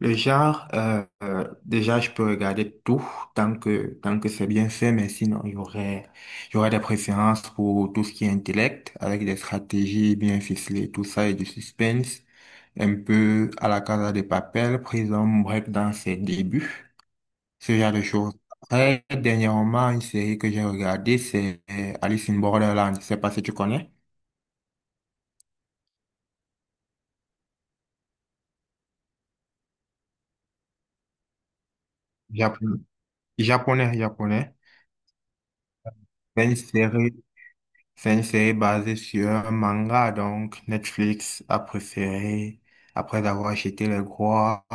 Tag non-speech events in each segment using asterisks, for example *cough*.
Le genre, déjà, je peux regarder tout tant que c'est bien fait, mais sinon, il y aurait des préférences pour tout ce qui est intellect, avec des stratégies bien ficelées, tout ça, et du suspense, un peu à la Casa de Papel, Prison Break dans ses débuts, ce genre de choses. Après, dernièrement, une série que j'ai regardée, c'est Alice in Borderland. Je sais pas si tu connais. Japonais, japonais, japonais. C'est une série C'est une série basée sur un manga, donc Netflix a préféré, après avoir acheté les droits,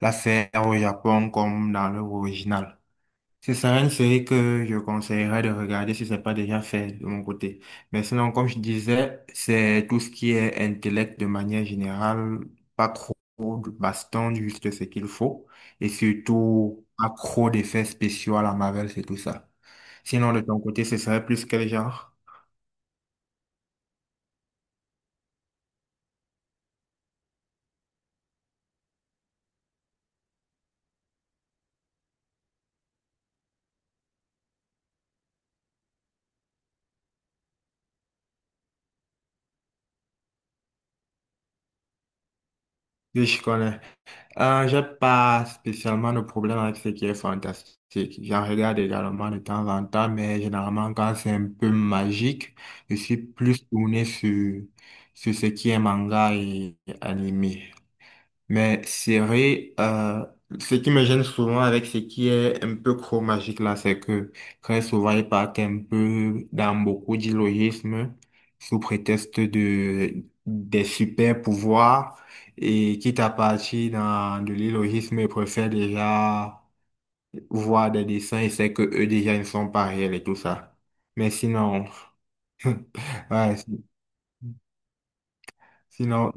la faire au Japon comme dans l'œuvre originale. Ce serait une série que je conseillerais de regarder si ce n'est pas déjà fait de mon côté. Mais sinon, comme je disais, c'est tout ce qui est intellect de manière générale, pas trop de baston, juste ce qu'il faut, et surtout accro d'effets spéciaux à la Marvel, c'est tout ça. Sinon, de ton côté, ce serait plus quel genre? Oui, je connais. J'ai pas spécialement de problème avec ce qui est fantastique. J'en regarde également de temps en temps, mais généralement quand c'est un peu magique, je suis plus tourné sur ce qui est manga et animé. Mais c'est vrai, ce qui me gêne souvent avec ce qui est un peu chromagique là, c'est que très souvent ils partent un peu dans beaucoup d'illogisme sous prétexte de des super pouvoirs et quitte à partir dans de l'illogisme, ils préfèrent déjà voir des dessins et c'est que eux déjà ne sont pas réels et tout ça. Mais sinon, *laughs* ouais, si, sinon,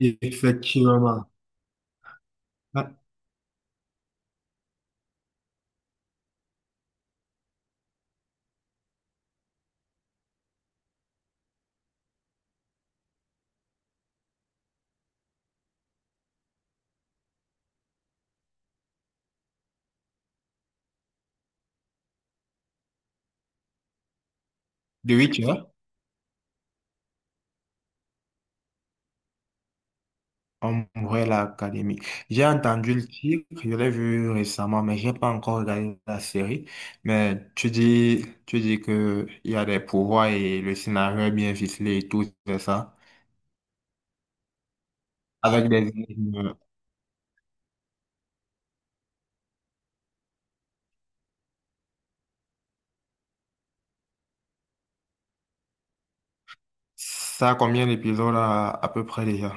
effectivement. Ah, de oui. En vrai, l'académie. J'ai entendu le titre, je l'ai vu récemment, mais j'ai pas encore regardé la série. Mais tu dis que il y a des pouvoirs et le scénario est bien ficelé et tout, c'est ça. Avec des énigmes. Ça a combien d'épisodes à peu près déjà?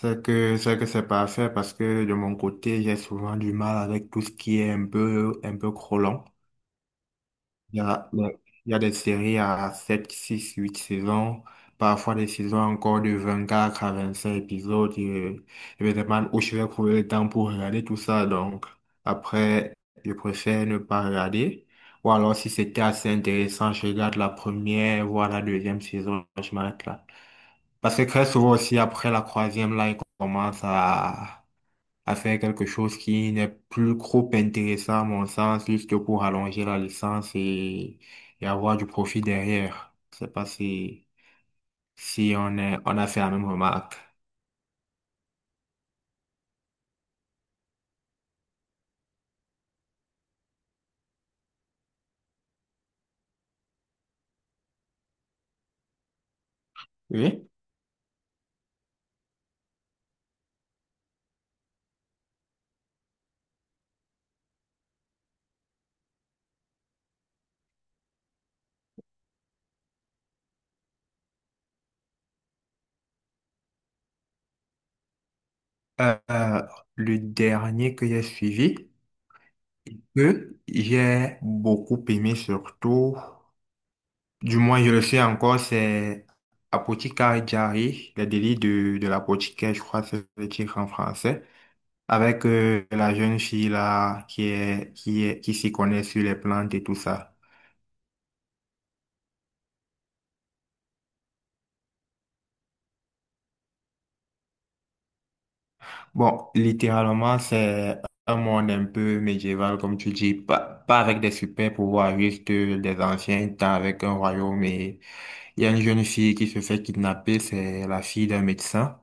C'est parfait parce que de mon côté, j'ai souvent du mal avec tout ce qui est un peu trop long. Il y a, il y a il y a des séries à 7 6 8 saisons, parfois des saisons encore de 24 à 25 épisodes. Et je me demande où je vais trouver le temps pour regarder tout ça. Donc, après, je préfère ne pas regarder. Ou alors, si c'était assez intéressant, je regarde la première, voire la deuxième saison, je m'arrête là. Parce que très souvent aussi, après la troisième, là, il commence à faire quelque chose qui n'est plus trop intéressant à mon sens, juste pour allonger la licence, et avoir du profit derrière. Je sais pas si on a fait la même remarque. Oui. Euh, euh, le dernier que j'ai suivi, que j'ai beaucoup aimé surtout, du moins je le sais encore, c'est Apothecary Diary, les délits de l'apothicaire, je crois que c'est le titre en français, avec la jeune fille là qui s'y connaît sur les plantes et tout ça. Bon, littéralement, c'est un monde un peu médiéval comme tu dis, pas avec des super pouvoirs, juste des anciens temps avec un royaume, et il y a une jeune fille qui se fait kidnapper, c'est la fille d'un médecin.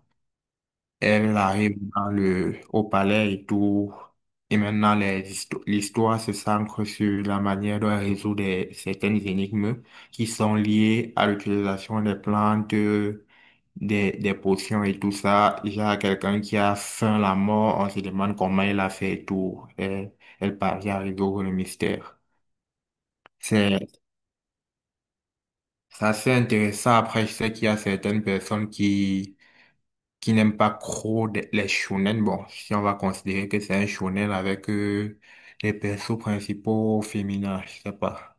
Elle arrive dans le, au palais et tout. Et maintenant, l'histoire se centre sur la manière de résoudre certaines énigmes qui sont liées à l'utilisation des plantes, des potions et tout ça. Il y a quelqu'un qui a faim, la mort, on se demande comment il a fait et tout. Et elle parvient à résoudre le mystère. C'est c'est assez intéressant. Après, je sais qu'il y a certaines personnes qui n'aime pas trop les shonen. Bon, si on va considérer que c'est un shonen avec les persos principaux féminins, je sais pas.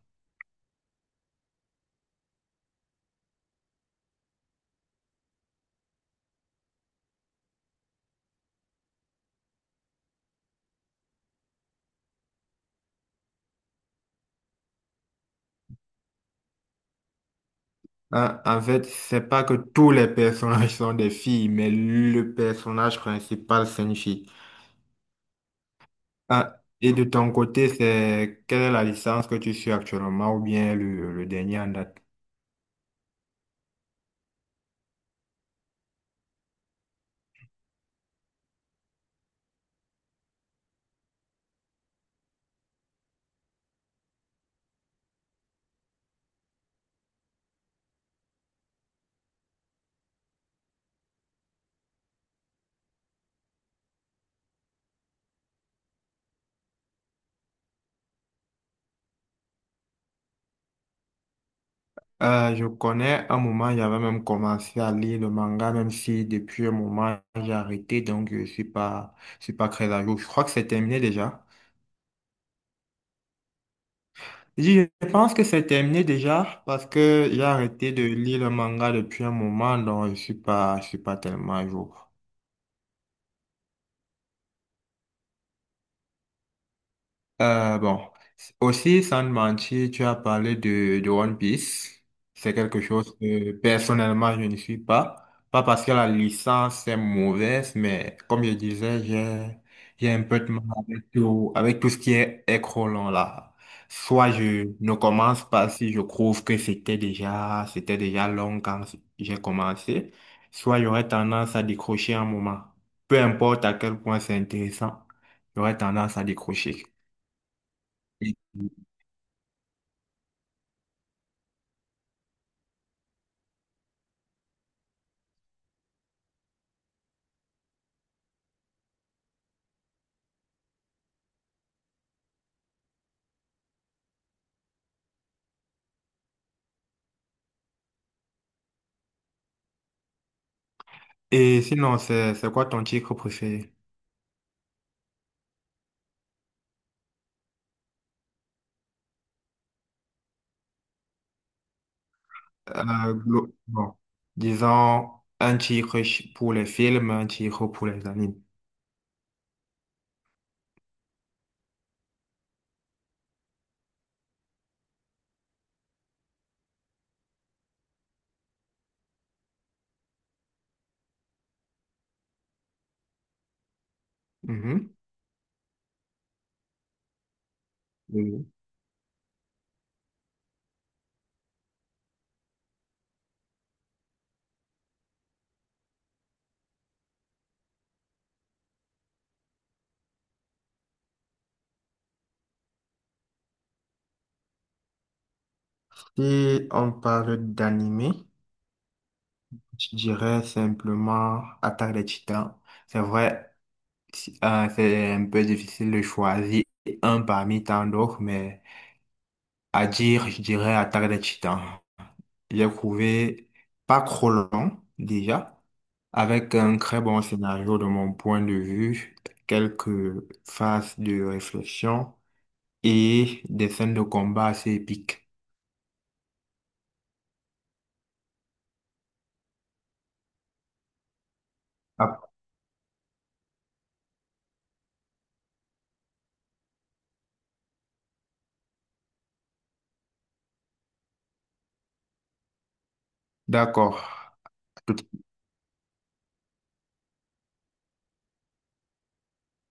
Hein, en fait, c'est pas que tous les personnages sont des filles, mais le personnage principal, c'est une fille. Hein, et de ton côté, c'est quelle est la licence que tu suis actuellement ou bien le dernier en date? Je connais, un moment j'avais même commencé à lire le manga, même si depuis un moment j'ai arrêté, donc je suis pas très à jour. Je crois que c'est terminé déjà. Je pense que c'est terminé déjà parce que j'ai arrêté de lire le manga depuis un moment, donc je suis pas tellement à jour. Bon, aussi sans te mentir, tu as parlé de One Piece. C'est quelque chose que personnellement je ne suis pas. Pas parce que la licence est mauvaise, mais comme je disais, j'ai un peu de mal avec tout ce qui est écran là. Soit je ne commence pas si je trouve que c'était déjà long quand j'ai commencé, soit j'aurais tendance à décrocher un moment. Peu importe à quel point c'est intéressant, j'aurais tendance à décrocher. Et et sinon, c'est quoi ton titre préféré? Euh, bon, disons un titre pour les films, un titre pour les animes. Mhm. Oui. Si on parle d'anime, je dirais simplement Attaque des Titans. C'est vrai, c'est un peu difficile de choisir un parmi tant d'autres, mais à dire, je dirais Attaque des Titans. J'ai trouvé pas trop long déjà, avec un très bon scénario de mon point de vue, quelques phases de réflexion et des scènes de combat assez épiques. Ah, d'accord.